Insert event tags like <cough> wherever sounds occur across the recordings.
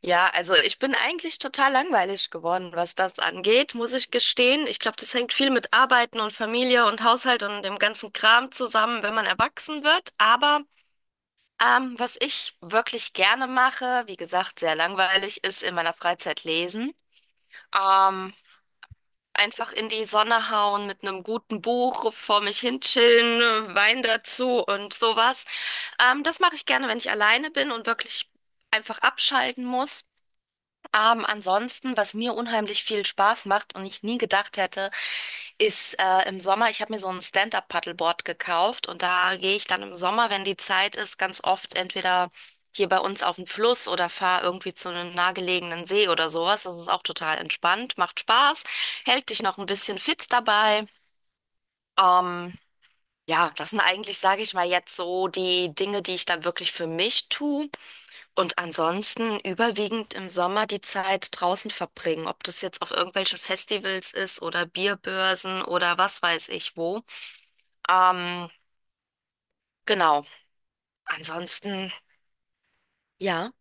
Ja, also ich bin eigentlich total langweilig geworden, was das angeht, muss ich gestehen. Ich glaube, das hängt viel mit Arbeiten und Familie und Haushalt und dem ganzen Kram zusammen, wenn man erwachsen wird. Aber was ich wirklich gerne mache, wie gesagt, sehr langweilig, ist in meiner Freizeit lesen. Ähm, Einfach in die Sonne hauen mit einem guten Buch, vor mich hin chillen, Wein dazu und sowas. Das mache ich gerne, wenn ich alleine bin und wirklich einfach abschalten muss. Ansonsten, was mir unheimlich viel Spaß macht und ich nie gedacht hätte, ist im Sommer, ich habe mir so ein Stand-up-Paddleboard gekauft und da gehe ich dann im Sommer, wenn die Zeit ist, ganz oft entweder hier bei uns auf den Fluss oder fahre irgendwie zu einem nahegelegenen See oder sowas. Das ist auch total entspannt, macht Spaß, hält dich noch ein bisschen fit dabei. Ähm, ja, das sind eigentlich, sage ich mal, jetzt so die Dinge, die ich dann wirklich für mich tue. Und ansonsten überwiegend im Sommer die Zeit draußen verbringen, ob das jetzt auf irgendwelchen Festivals ist oder Bierbörsen oder was weiß ich wo. Ähm, genau. Ansonsten, ja.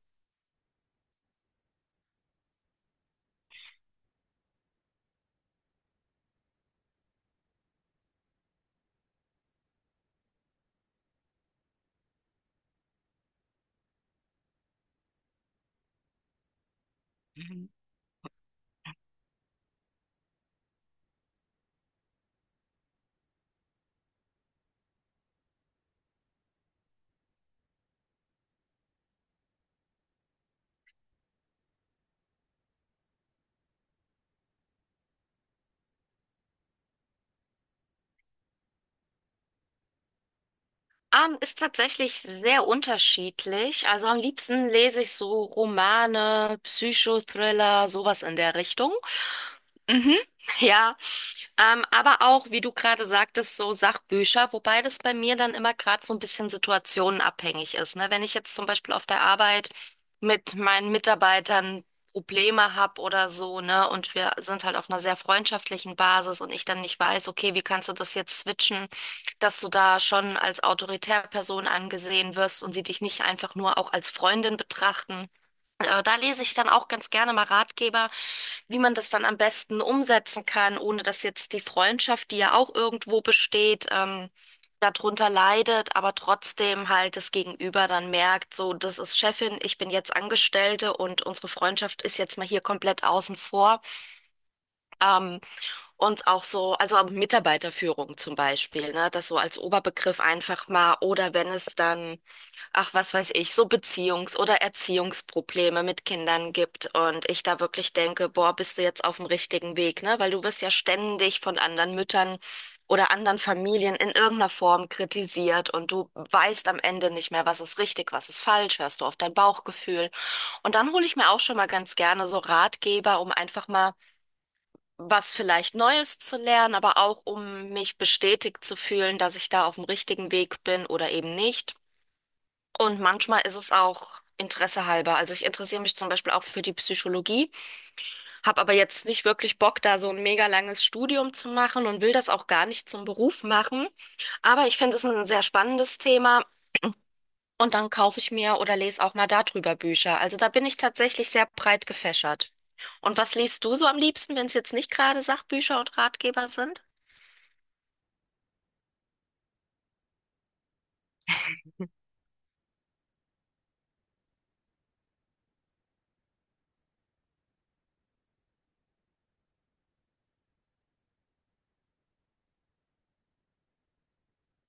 Ist tatsächlich sehr unterschiedlich. Also am liebsten lese ich so Romane, Psychothriller, sowas in der Richtung. Mhm, ja, aber auch, wie du gerade sagtest, so Sachbücher, wobei das bei mir dann immer gerade so ein bisschen situationenabhängig ist. Ne? Wenn ich jetzt zum Beispiel auf der Arbeit mit meinen Mitarbeitern Probleme habe oder so, ne, und wir sind halt auf einer sehr freundschaftlichen Basis und ich dann nicht weiß, okay, wie kannst du das jetzt switchen, dass du da schon als autoritäre Person angesehen wirst und sie dich nicht einfach nur auch als Freundin betrachten. Da lese ich dann auch ganz gerne mal Ratgeber, wie man das dann am besten umsetzen kann, ohne dass jetzt die Freundschaft, die ja auch irgendwo besteht, darunter leidet, aber trotzdem halt das Gegenüber dann merkt, so, das ist Chefin, ich bin jetzt Angestellte und unsere Freundschaft ist jetzt mal hier komplett außen vor. Ähm, und auch so, also auch Mitarbeiterführung zum Beispiel, ne? Das so als Oberbegriff einfach mal. Oder wenn es dann, ach, was weiß ich, so Beziehungs- oder Erziehungsprobleme mit Kindern gibt und ich da wirklich denke, boah, bist du jetzt auf dem richtigen Weg, ne? Weil du wirst ja ständig von anderen Müttern oder anderen Familien in irgendeiner Form kritisiert und du weißt am Ende nicht mehr, was ist richtig, was ist falsch, hörst du auf dein Bauchgefühl. Und dann hole ich mir auch schon mal ganz gerne so Ratgeber, um einfach mal was vielleicht Neues zu lernen, aber auch um mich bestätigt zu fühlen, dass ich da auf dem richtigen Weg bin oder eben nicht. Und manchmal ist es auch Interesse halber. Also ich interessiere mich zum Beispiel auch für die Psychologie, habe aber jetzt nicht wirklich Bock, da so ein mega langes Studium zu machen und will das auch gar nicht zum Beruf machen. Aber ich finde es ein sehr spannendes Thema und dann kaufe ich mir oder lese auch mal darüber Bücher. Also da bin ich tatsächlich sehr breit gefächert. Und was liest du so am liebsten, wenn es jetzt nicht gerade Sachbücher und Ratgeber sind?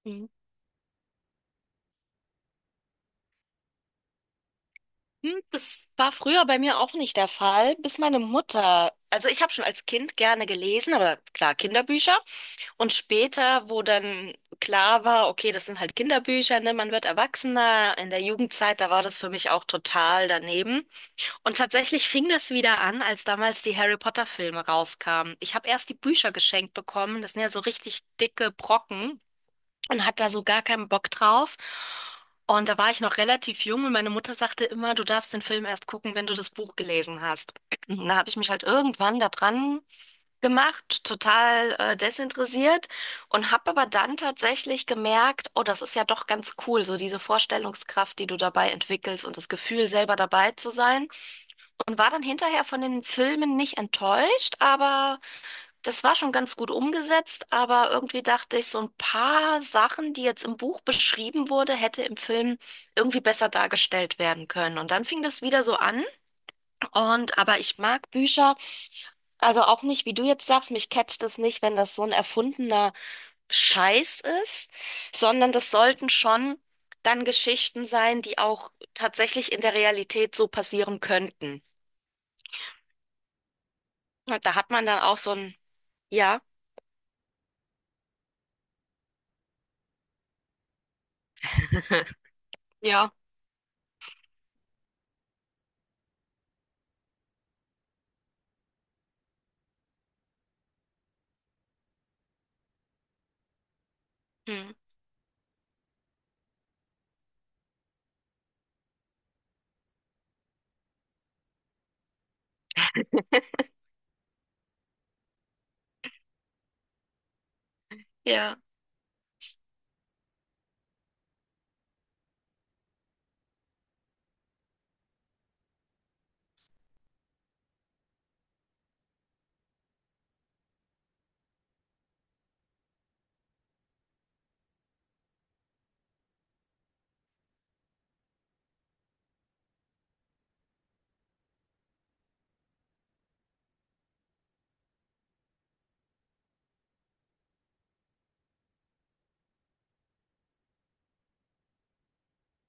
Mhm. Hm, das war früher bei mir auch nicht der Fall, bis meine Mutter, also ich habe schon als Kind gerne gelesen, aber klar, Kinderbücher. Und später, wo dann klar war, okay, das sind halt Kinderbücher, ne, man wird Erwachsener. In der Jugendzeit, da war das für mich auch total daneben. Und tatsächlich fing das wieder an, als damals die Harry Potter Filme rauskamen. Ich habe erst die Bücher geschenkt bekommen, das sind ja so richtig dicke Brocken, und hat da so gar keinen Bock drauf. Und da war ich noch relativ jung und meine Mutter sagte immer, du darfst den Film erst gucken, wenn du das Buch gelesen hast. <clears throat> Und da habe ich mich halt irgendwann da dran gemacht, total desinteressiert und habe aber dann tatsächlich gemerkt, oh, das ist ja doch ganz cool, so diese Vorstellungskraft, die du dabei entwickelst und das Gefühl, selber dabei zu sein. Und war dann hinterher von den Filmen nicht enttäuscht, aber das war schon ganz gut umgesetzt, aber irgendwie dachte ich, so ein paar Sachen, die jetzt im Buch beschrieben wurde, hätte im Film irgendwie besser dargestellt werden können. Und dann fing das wieder so an. Und aber ich mag Bücher, also auch nicht, wie du jetzt sagst, mich catcht es nicht, wenn das so ein erfundener Scheiß ist, sondern das sollten schon dann Geschichten sein, die auch tatsächlich in der Realität so passieren könnten. Und da hat man dann auch so ein, ja, <laughs> ja, hm, ja.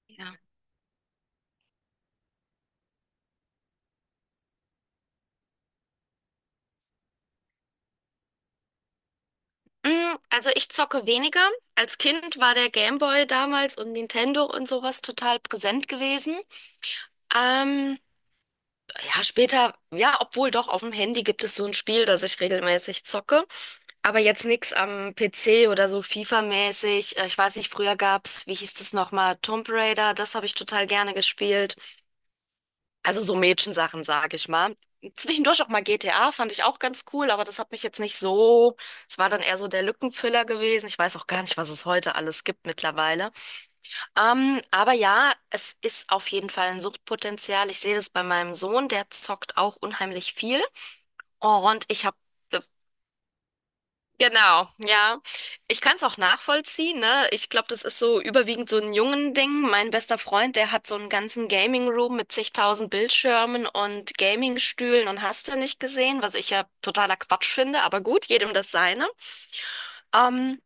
Ja. Mm, also ich zocke weniger. Als Kind war der Gameboy damals und Nintendo und sowas total präsent gewesen. Ähm, ja, später, ja, obwohl doch auf dem Handy gibt es so ein Spiel, das ich regelmäßig zocke. Aber jetzt nix am PC oder so FIFA-mäßig. Ich weiß nicht, früher gab's, wie hieß das nochmal, Tomb Raider, das habe ich total gerne gespielt. Also so Mädchensachen, sage ich mal. Zwischendurch auch mal GTA fand ich auch ganz cool, aber das hat mich jetzt nicht so. Es war dann eher so der Lückenfüller gewesen. Ich weiß auch gar nicht, was es heute alles gibt mittlerweile. Aber ja, es ist auf jeden Fall ein Suchtpotenzial. Ich sehe das bei meinem Sohn, der zockt auch unheimlich viel. Und ich habe genau, ja. Ich kann es auch nachvollziehen, ne? Ich glaube, das ist so überwiegend so ein Jungen-Ding. Mein bester Freund, der hat so einen ganzen Gaming-Room mit zigtausend Bildschirmen und Gaming-Stühlen und hast du nicht gesehen, was ich ja totaler Quatsch finde, aber gut, jedem das seine. Ähm,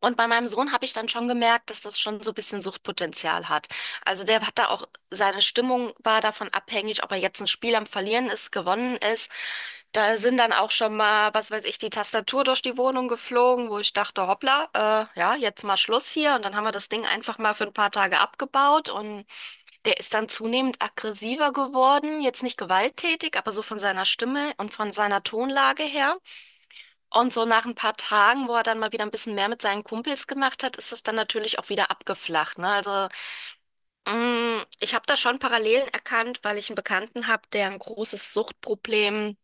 und bei meinem Sohn habe ich dann schon gemerkt, dass das schon so ein bisschen Suchtpotenzial hat. Also der hat da auch, seine Stimmung war davon abhängig, ob er jetzt ein Spiel am Verlieren ist, gewonnen ist. Da sind dann auch schon mal, was weiß ich, die Tastatur durch die Wohnung geflogen, wo ich dachte, hoppla, ja, jetzt mal Schluss hier. Und dann haben wir das Ding einfach mal für ein paar Tage abgebaut und der ist dann zunehmend aggressiver geworden, jetzt nicht gewalttätig, aber so von seiner Stimme und von seiner Tonlage her. Und so nach ein paar Tagen, wo er dann mal wieder ein bisschen mehr mit seinen Kumpels gemacht hat, ist es dann natürlich auch wieder abgeflacht, ne? Also, mh, ich habe da schon Parallelen erkannt, weil ich einen Bekannten habe, der ein großes Suchtproblem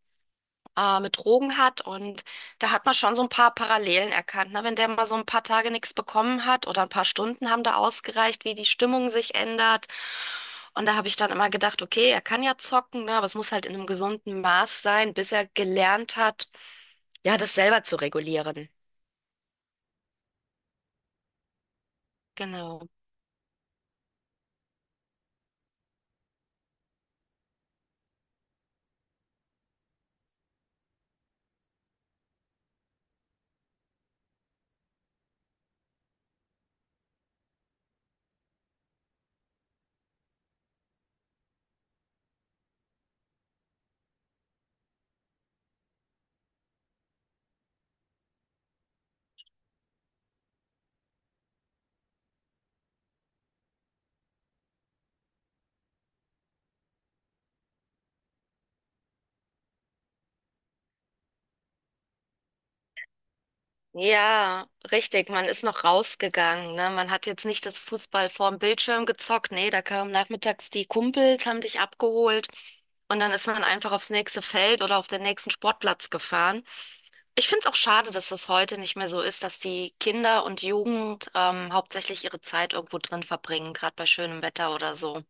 mit Drogen hat. Und da hat man schon so ein paar Parallelen erkannt, ne? Wenn der mal so ein paar Tage nichts bekommen hat oder ein paar Stunden haben da ausgereicht, wie die Stimmung sich ändert. Und da habe ich dann immer gedacht, okay, er kann ja zocken, ne? Aber es muss halt in einem gesunden Maß sein, bis er gelernt hat, ja, das selber zu regulieren. Genau. Ja, richtig. Man ist noch rausgegangen, ne? Man hat jetzt nicht das Fußball vorm Bildschirm gezockt. Nee, da kamen nachmittags die Kumpels, haben dich abgeholt. Und dann ist man einfach aufs nächste Feld oder auf den nächsten Sportplatz gefahren. Ich finde es auch schade, dass das heute nicht mehr so ist, dass die Kinder und Jugend hauptsächlich ihre Zeit irgendwo drin verbringen, gerade bei schönem Wetter oder so.